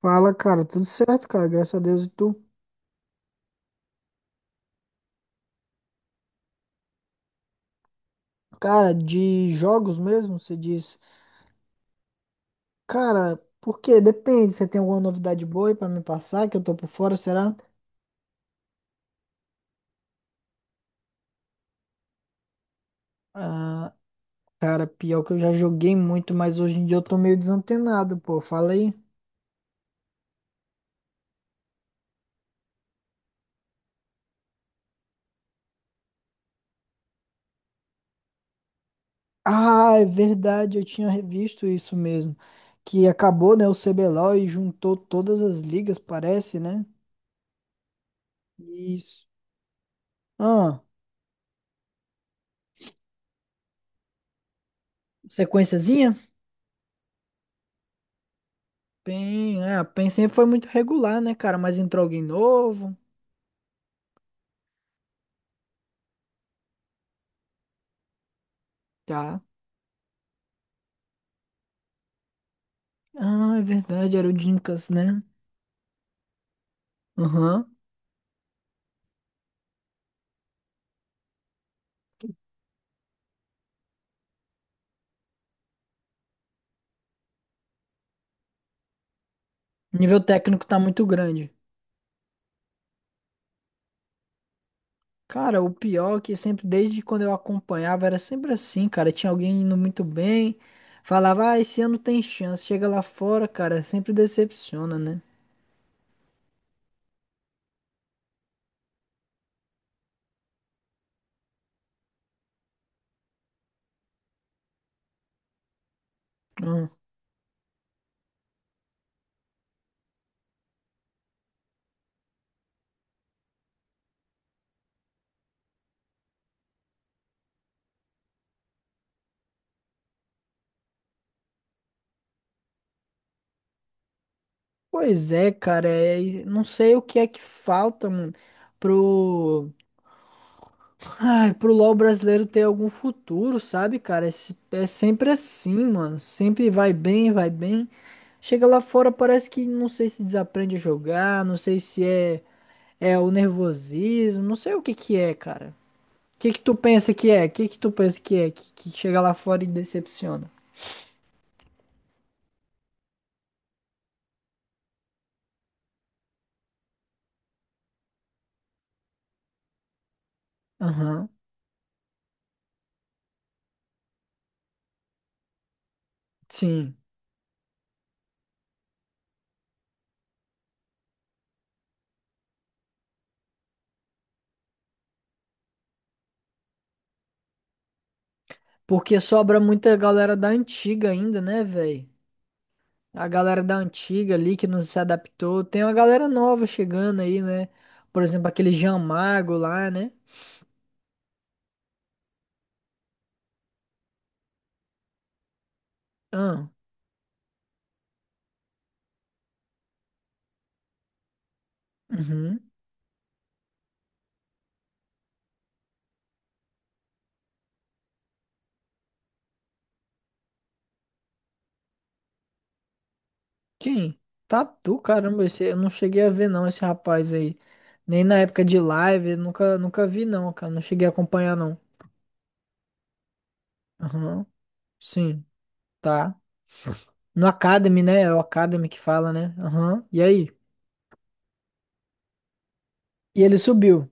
Fala, cara, tudo certo, cara, graças a Deus. E tu? Cara, de jogos mesmo, você diz? Cara, por quê? Depende, você tem alguma novidade boa aí pra me passar, que eu tô por fora, será? Ah, cara, pior que eu já joguei muito, mas hoje em dia eu tô meio desantenado, pô, fala aí. Ah, é verdade, eu tinha revisto isso mesmo, que acabou, né, o CBLOL e juntou todas as ligas, parece, né? Isso. Ah, sequenciazinha? PEN, é, a PEN sempre foi muito regular, né, cara? Mas entrou alguém novo, tá? Ah, é verdade, era o Dinkas, né? Aham. O nível técnico tá muito grande. Cara, o pior é que sempre, desde quando eu acompanhava, era sempre assim, cara. Tinha alguém indo muito bem, falava, ah, esse ano tem chance. Chega lá fora, cara, sempre decepciona, né? Ah, pois é, cara, é, e não sei o que é que falta, mano, pro LoL brasileiro ter algum futuro, sabe, cara? É sempre assim, mano. Sempre vai bem, vai bem. Chega lá fora, parece que não sei se desaprende a jogar, não sei se é o nervosismo, não sei o que que é, cara. O que que tu pensa que é? O que que tu pensa que é que chega lá fora e decepciona? Aham, sim. Porque sobra muita galera da antiga ainda, né, velho? A galera da antiga ali que não se adaptou. Tem uma galera nova chegando aí, né? Por exemplo, aquele Jean Mago lá, né? Ah, uhum. Quem? Tatu, caramba, esse, eu não cheguei a ver não esse rapaz aí. Nem na época de live, eu nunca, nunca vi não, cara. Não cheguei a acompanhar não. Aham, sim, tá. No Academy, né? É o Academy que fala, né? Aham. E aí? E ele subiu.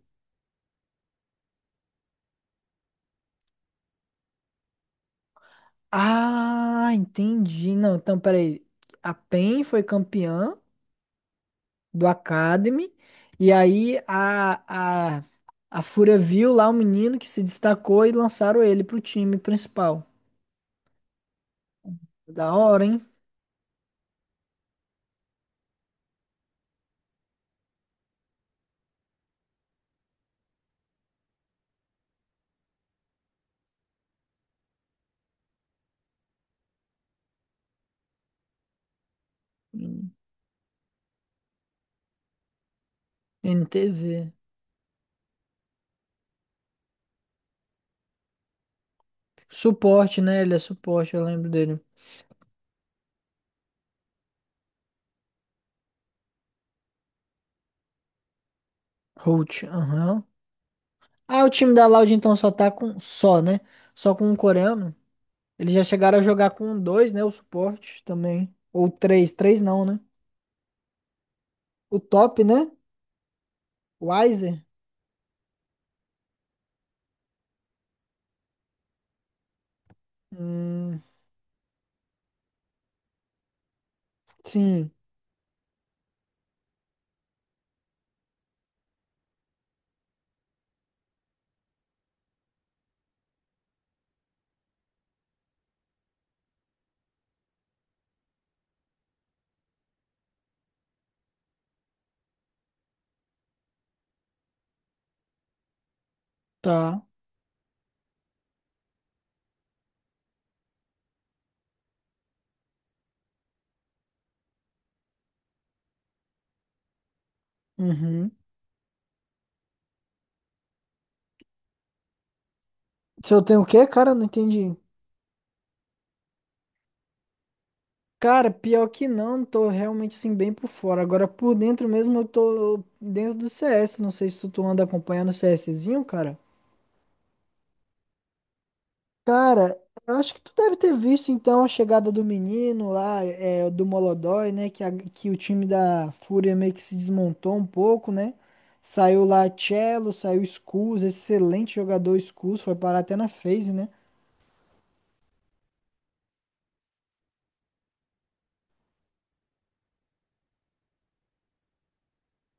Ah, entendi. Não, então peraí. A PEN foi campeã do Academy. E aí a Fúria viu lá o menino que se destacou e lançaram ele pro time principal. Da hora, hein? Hum, NTZ. Suporte, né? Ele é suporte, eu lembro dele. Holt, aham. Ah, o time da Loud então só tá com. Só, né? Só com um coreano. Eles já chegaram a jogar com dois, né? O suporte também. Ou três. Três não, né? O top, né? Wiser? Hum, sim, tá. Uhum. Se eu tenho o quê, cara? Não entendi. Cara, pior que não, tô realmente assim bem por fora. Agora por dentro mesmo eu tô dentro do CS. Não sei se tu anda acompanhando o CSzinho, cara. Cara, eu acho que tu deve ter visto então a chegada do menino lá, do Molodói, né? Que o time da Fúria meio que se desmontou um pouco, né? Saiu lá Cello, saiu Skulls, excelente jogador Skulls, foi parar até na FaZe, né?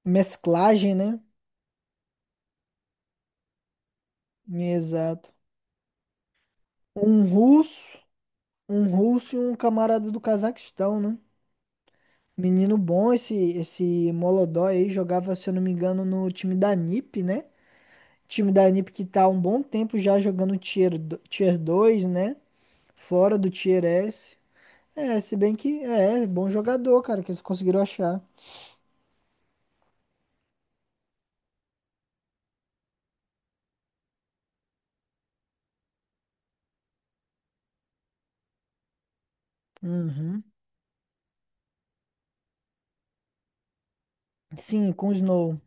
Mesclagem, né? Exato. Um russo. Um russo e um camarada do Cazaquistão, né? Menino bom, esse Molodói aí jogava, se eu não me engano, no time da NiP, né? Time da NiP que tá há um bom tempo já jogando Tier, tier 2, né? Fora do Tier S. É, se bem que é bom jogador, cara, que eles conseguiram achar. Uhum. Sim, com o Snow.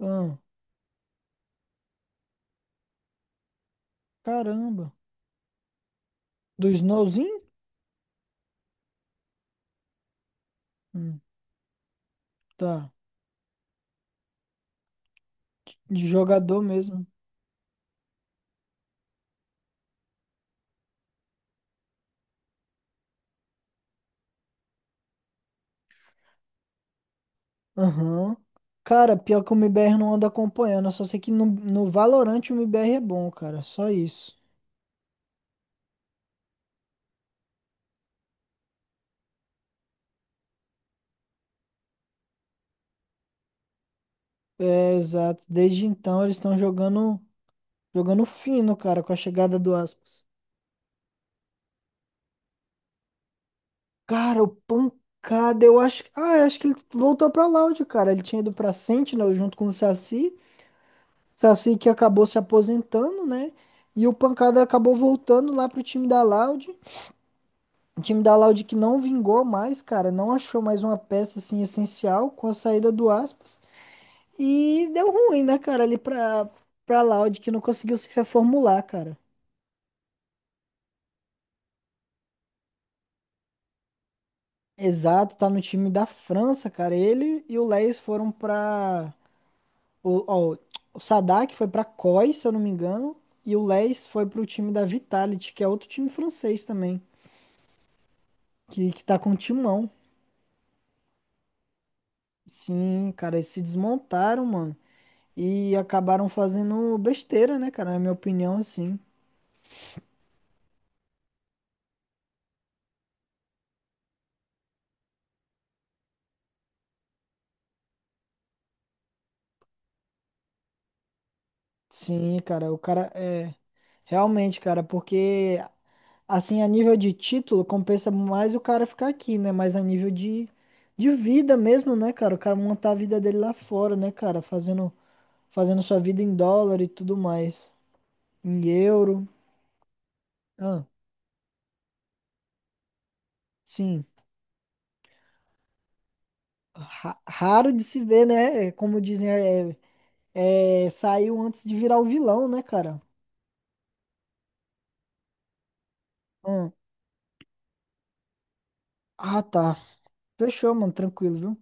Ah, caramba. Do Snowzinho? Hum, tá. De jogador mesmo. Aham. Cara, pior que o MBR não anda acompanhando. Eu só sei que no Valorant o MBR é bom, cara. Só isso. É, exato. Desde então eles estão jogando fino, cara, com a chegada do Aspas. Cara, o pancada, eu acho. Ah, eu acho que ele voltou pra Loud, cara. Ele tinha ido pra Sentinel junto com o Saci. Saci que acabou se aposentando, né? E o pancada acabou voltando lá pro time da Loud. O time da Laude que não vingou mais, cara, não achou mais uma peça assim essencial com a saída do Aspas e deu ruim, né, cara, ali pra para Laude que não conseguiu se reformular, cara. Exato, tá no time da França, cara. Ele e o Leis foram pra. o, ó, o Sadak foi pra COI, se eu não me engano, e o Leis foi pro time da Vitality, que é outro time francês também, que tá com timão. Sim, cara, eles se desmontaram, mano. E acabaram fazendo besteira, né, cara? Na minha opinião, assim. Sim, cara, o cara é. Realmente, cara, porque assim, a nível de título, compensa mais o cara ficar aqui, né? Mas a nível de vida mesmo, né, cara? O cara montar a vida dele lá fora, né, cara? Fazendo sua vida em dólar e tudo mais. Em euro. Ah, sim. Raro de se ver, né? É, como dizem, saiu antes de virar o vilão, né, cara? Ah, ah, tá. Fechou, mano, tranquilo, viu?